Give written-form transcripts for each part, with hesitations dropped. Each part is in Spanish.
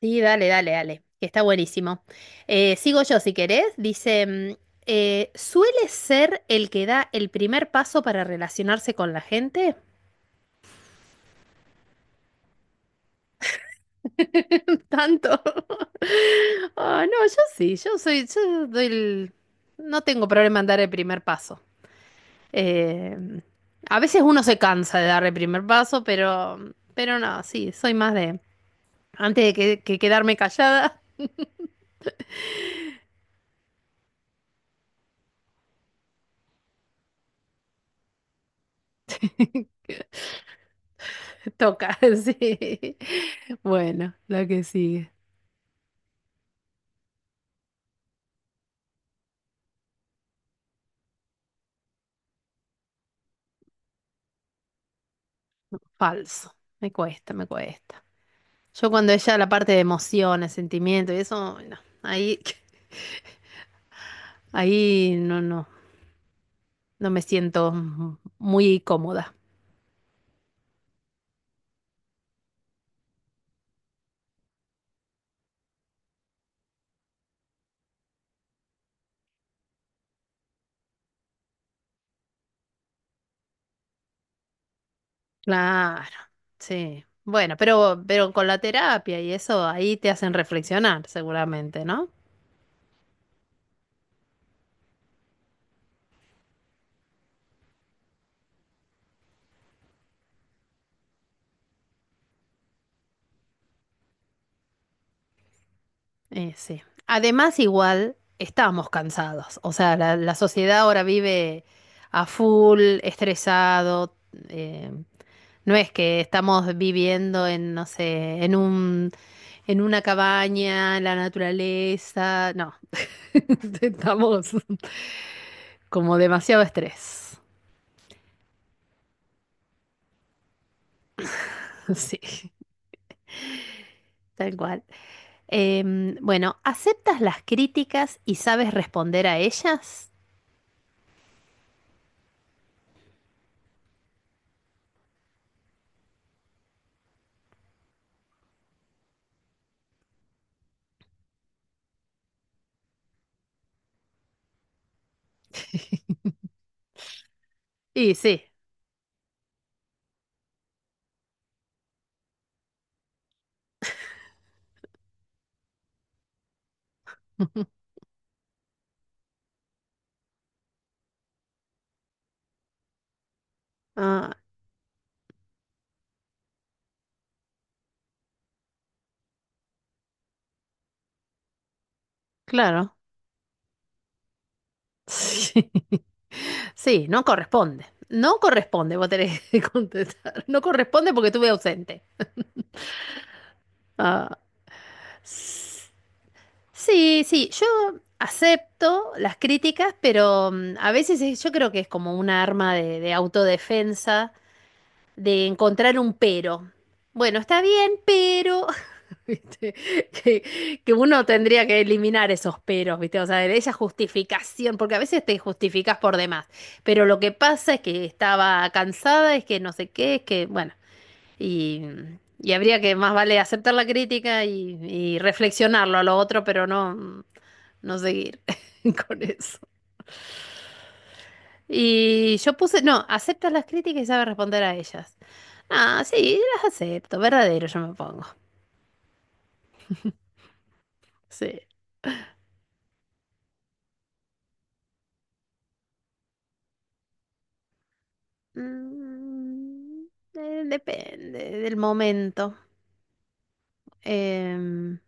Sí, dale, dale, dale, que está buenísimo. Sigo yo si querés. Dice, ¿suele ser el que da el primer paso para relacionarse con la gente? Tanto. Ah, no, yo sí, yo soy, yo doy no tengo problema en dar el primer paso. Eh, a veces uno se cansa de dar el primer paso, pero no, sí, soy más de, antes de que quedarme callada, toca, sí. Bueno, la que sigue. Falso. Me cuesta. Yo cuando ella la parte de emociones, sentimientos y eso, no, ahí, ahí no, no, no me siento muy cómoda. Claro, sí. Bueno, pero con la terapia y eso, ahí te hacen reflexionar seguramente, ¿no? Sí. Además, igual estábamos cansados. O sea, la sociedad ahora vive a full, estresado. eh, No es que estamos viviendo en, no sé, en una cabaña, en la naturaleza. No, estamos como demasiado estrés. Sí, tal cual. Bueno, ¿aceptas las críticas y sabes responder a ellas? Y sí. Ah, claro. Sí. Sí, no corresponde. No corresponde, vos tenés que contestar. No corresponde porque estuve ausente. Ah, sí, sí, yo acepto las críticas, pero a veces yo creo que es como una arma de autodefensa, de encontrar un pero. Bueno, está bien, pero... ¿Viste? Que uno tendría que eliminar esos peros, ¿viste? O sea, de esa justificación, porque a veces te justificas por demás, pero lo que pasa es que estaba cansada, es que no sé qué, es que, bueno. Y, y habría que más vale aceptar la crítica y reflexionarlo a lo otro, pero no, no seguir con eso. Y yo puse, no, aceptas las críticas y sabes responder a ellas. Ah, sí, las acepto, verdadero yo me pongo. Sí. Mm, depende del momento. Em,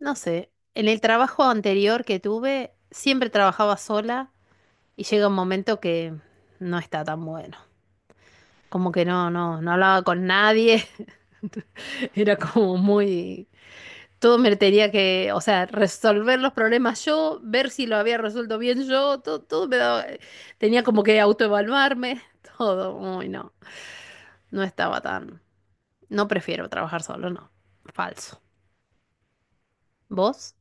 no sé, en el trabajo anterior que tuve, siempre trabajaba sola y llega un momento que no está tan bueno. Como que no, no, no hablaba con nadie, era como muy... Todo me tenía que, o sea, resolver los problemas yo, ver si lo había resuelto bien yo, todo, tenía como que autoevaluarme, todo, uy, no, no estaba tan, no prefiero trabajar solo, no, falso. ¿Vos?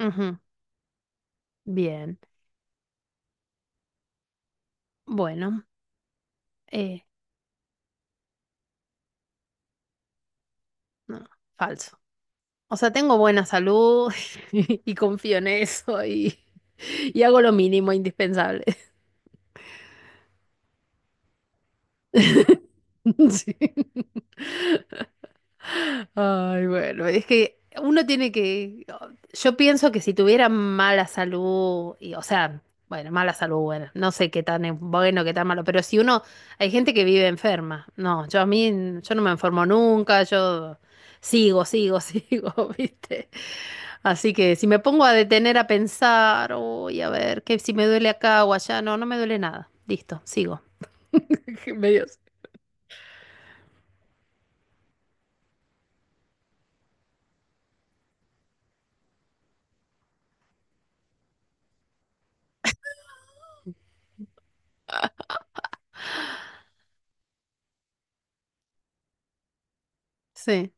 Ujú, bien, bueno, eh, no, falso. O sea, tengo buena salud y confío en eso y hago lo mínimo indispensable. Sí. Ay, bueno, es que uno tiene que, oh, yo pienso que si tuviera mala salud, y, o sea, bueno, mala salud, bueno, no sé qué tan es bueno, qué tan malo, pero si uno, hay gente que vive enferma, no, yo a mí, yo no me enfermo nunca, yo sigo, sigo, sigo, ¿viste? Así que si me pongo a detener a pensar, uy, a ver, que si me duele acá o allá, no, no me duele nada, listo, sigo. Medios. Sí.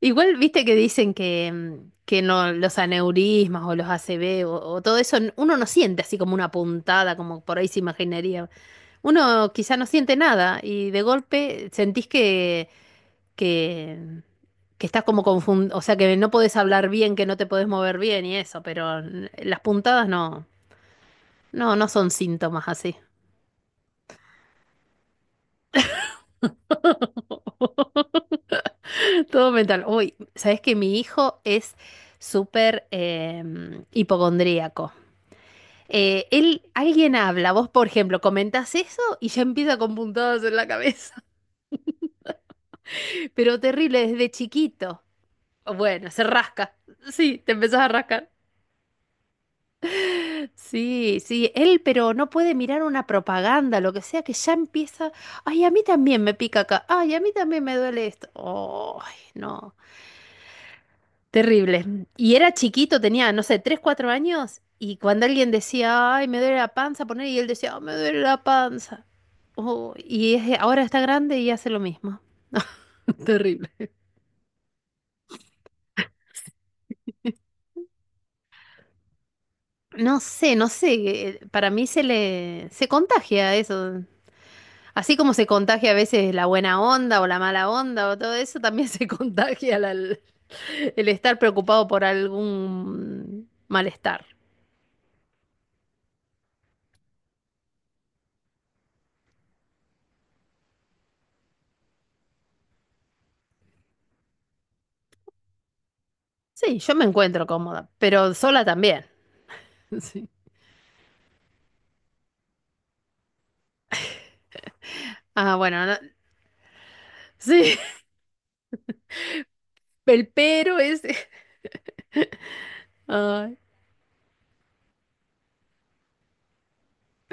Igual viste que dicen que, que no, los aneurismas o los ACV o todo eso, uno no siente así como una puntada, como por ahí se imaginaría. Uno quizá no siente nada y de golpe sentís que, que, mm, que estás como confundido, o sea, que no podés hablar bien, que no te podés mover bien y eso, pero las puntadas no, no, no son síntomas así. Todo mental. Uy, sabés que mi hijo es súper hipocondríaco. Él, alguien habla, vos por ejemplo comentás eso y ya empieza con puntadas en la cabeza, pero terrible desde chiquito. O bueno, se rasca. Sí, te empezás a rascar. Sí, sí, él pero no puede mirar una propaganda, lo que sea, que ya empieza, ay, a mí también me pica acá, ay, a mí también me duele esto. Ay, no. Terrible. Y era chiquito, tenía, no sé, 3 4 años, y cuando alguien decía, ay, me duele la panza, poner, y él decía, "Ah, me duele la panza. Oh, y ahora está grande y hace lo mismo. Terrible. No sé, no sé, para mí se contagia eso. Así como se contagia a veces la buena onda o la mala onda o todo eso, también se contagia el estar preocupado por algún malestar. Sí, yo me encuentro cómoda, pero sola también. Sí. Ah, sí, el pero es ay,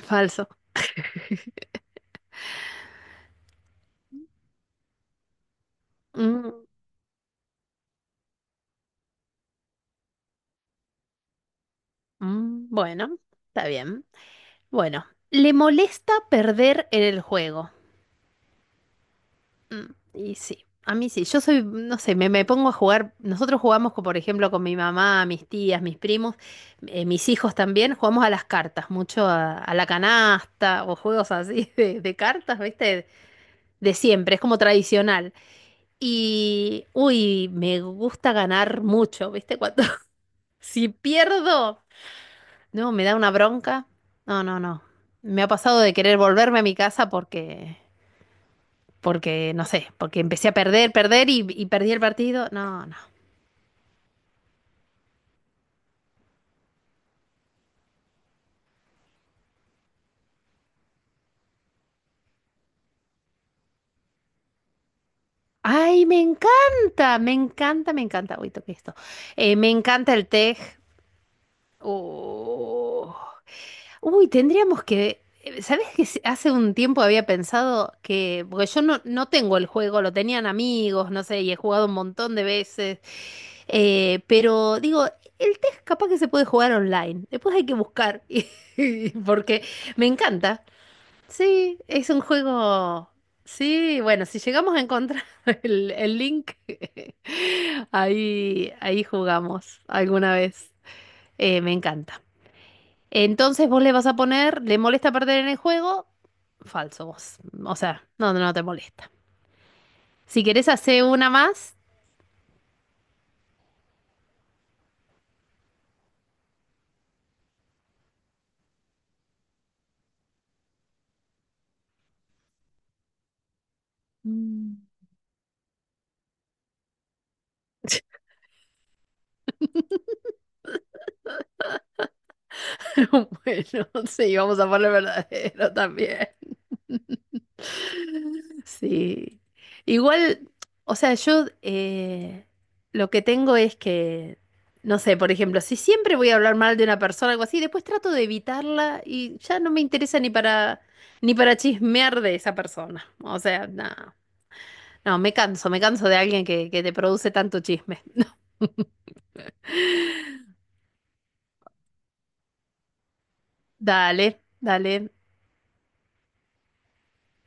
falso. Mm, mm, bueno, está bien. Bueno, le molesta perder en el juego. Mm, y sí, a mí sí, yo soy, no sé, me pongo a jugar, nosotros jugamos, con, por ejemplo, con mi mamá, mis tías, mis primos, mis hijos también, jugamos a las cartas, mucho a la canasta o juegos así de cartas, ¿viste? De siempre, es como tradicional. Y, uy, me gusta ganar mucho, ¿viste? Cuando, si pierdo, no, me da una bronca. No, no, no. Me ha pasado de querer volverme a mi casa porque, porque, no sé, porque empecé a perder, perder y perdí el partido. No, no. Ay, me encanta, me encanta, me encanta. Uy, toqué esto. Me encanta el tej. Oh. Uy, tendríamos que... ¿Sabes que hace un tiempo había pensado que... Porque yo no, no tengo el juego, lo tenían amigos, no sé, y he jugado un montón de veces. Pero digo, el test capaz que se puede jugar online. Después hay que buscar. Porque me encanta. Sí, es un juego. Sí, bueno, si llegamos a encontrar el link, ahí, ahí jugamos alguna vez. Me encanta. Entonces vos le vas a poner, ¿le molesta perder en el juego? Falso vos. O sea, no, no te molesta. Si querés hacer una más. Mm. Bueno, sí, vamos a poner verdadero también. Sí. Igual, o sea, yo lo que tengo es que, no sé, por ejemplo, si siempre voy a hablar mal de una persona o algo así, después trato de evitarla y ya no me interesa ni para ni para chismear de esa persona. O sea, no. No, me canso de alguien que te produce tanto chisme. Dale, dale.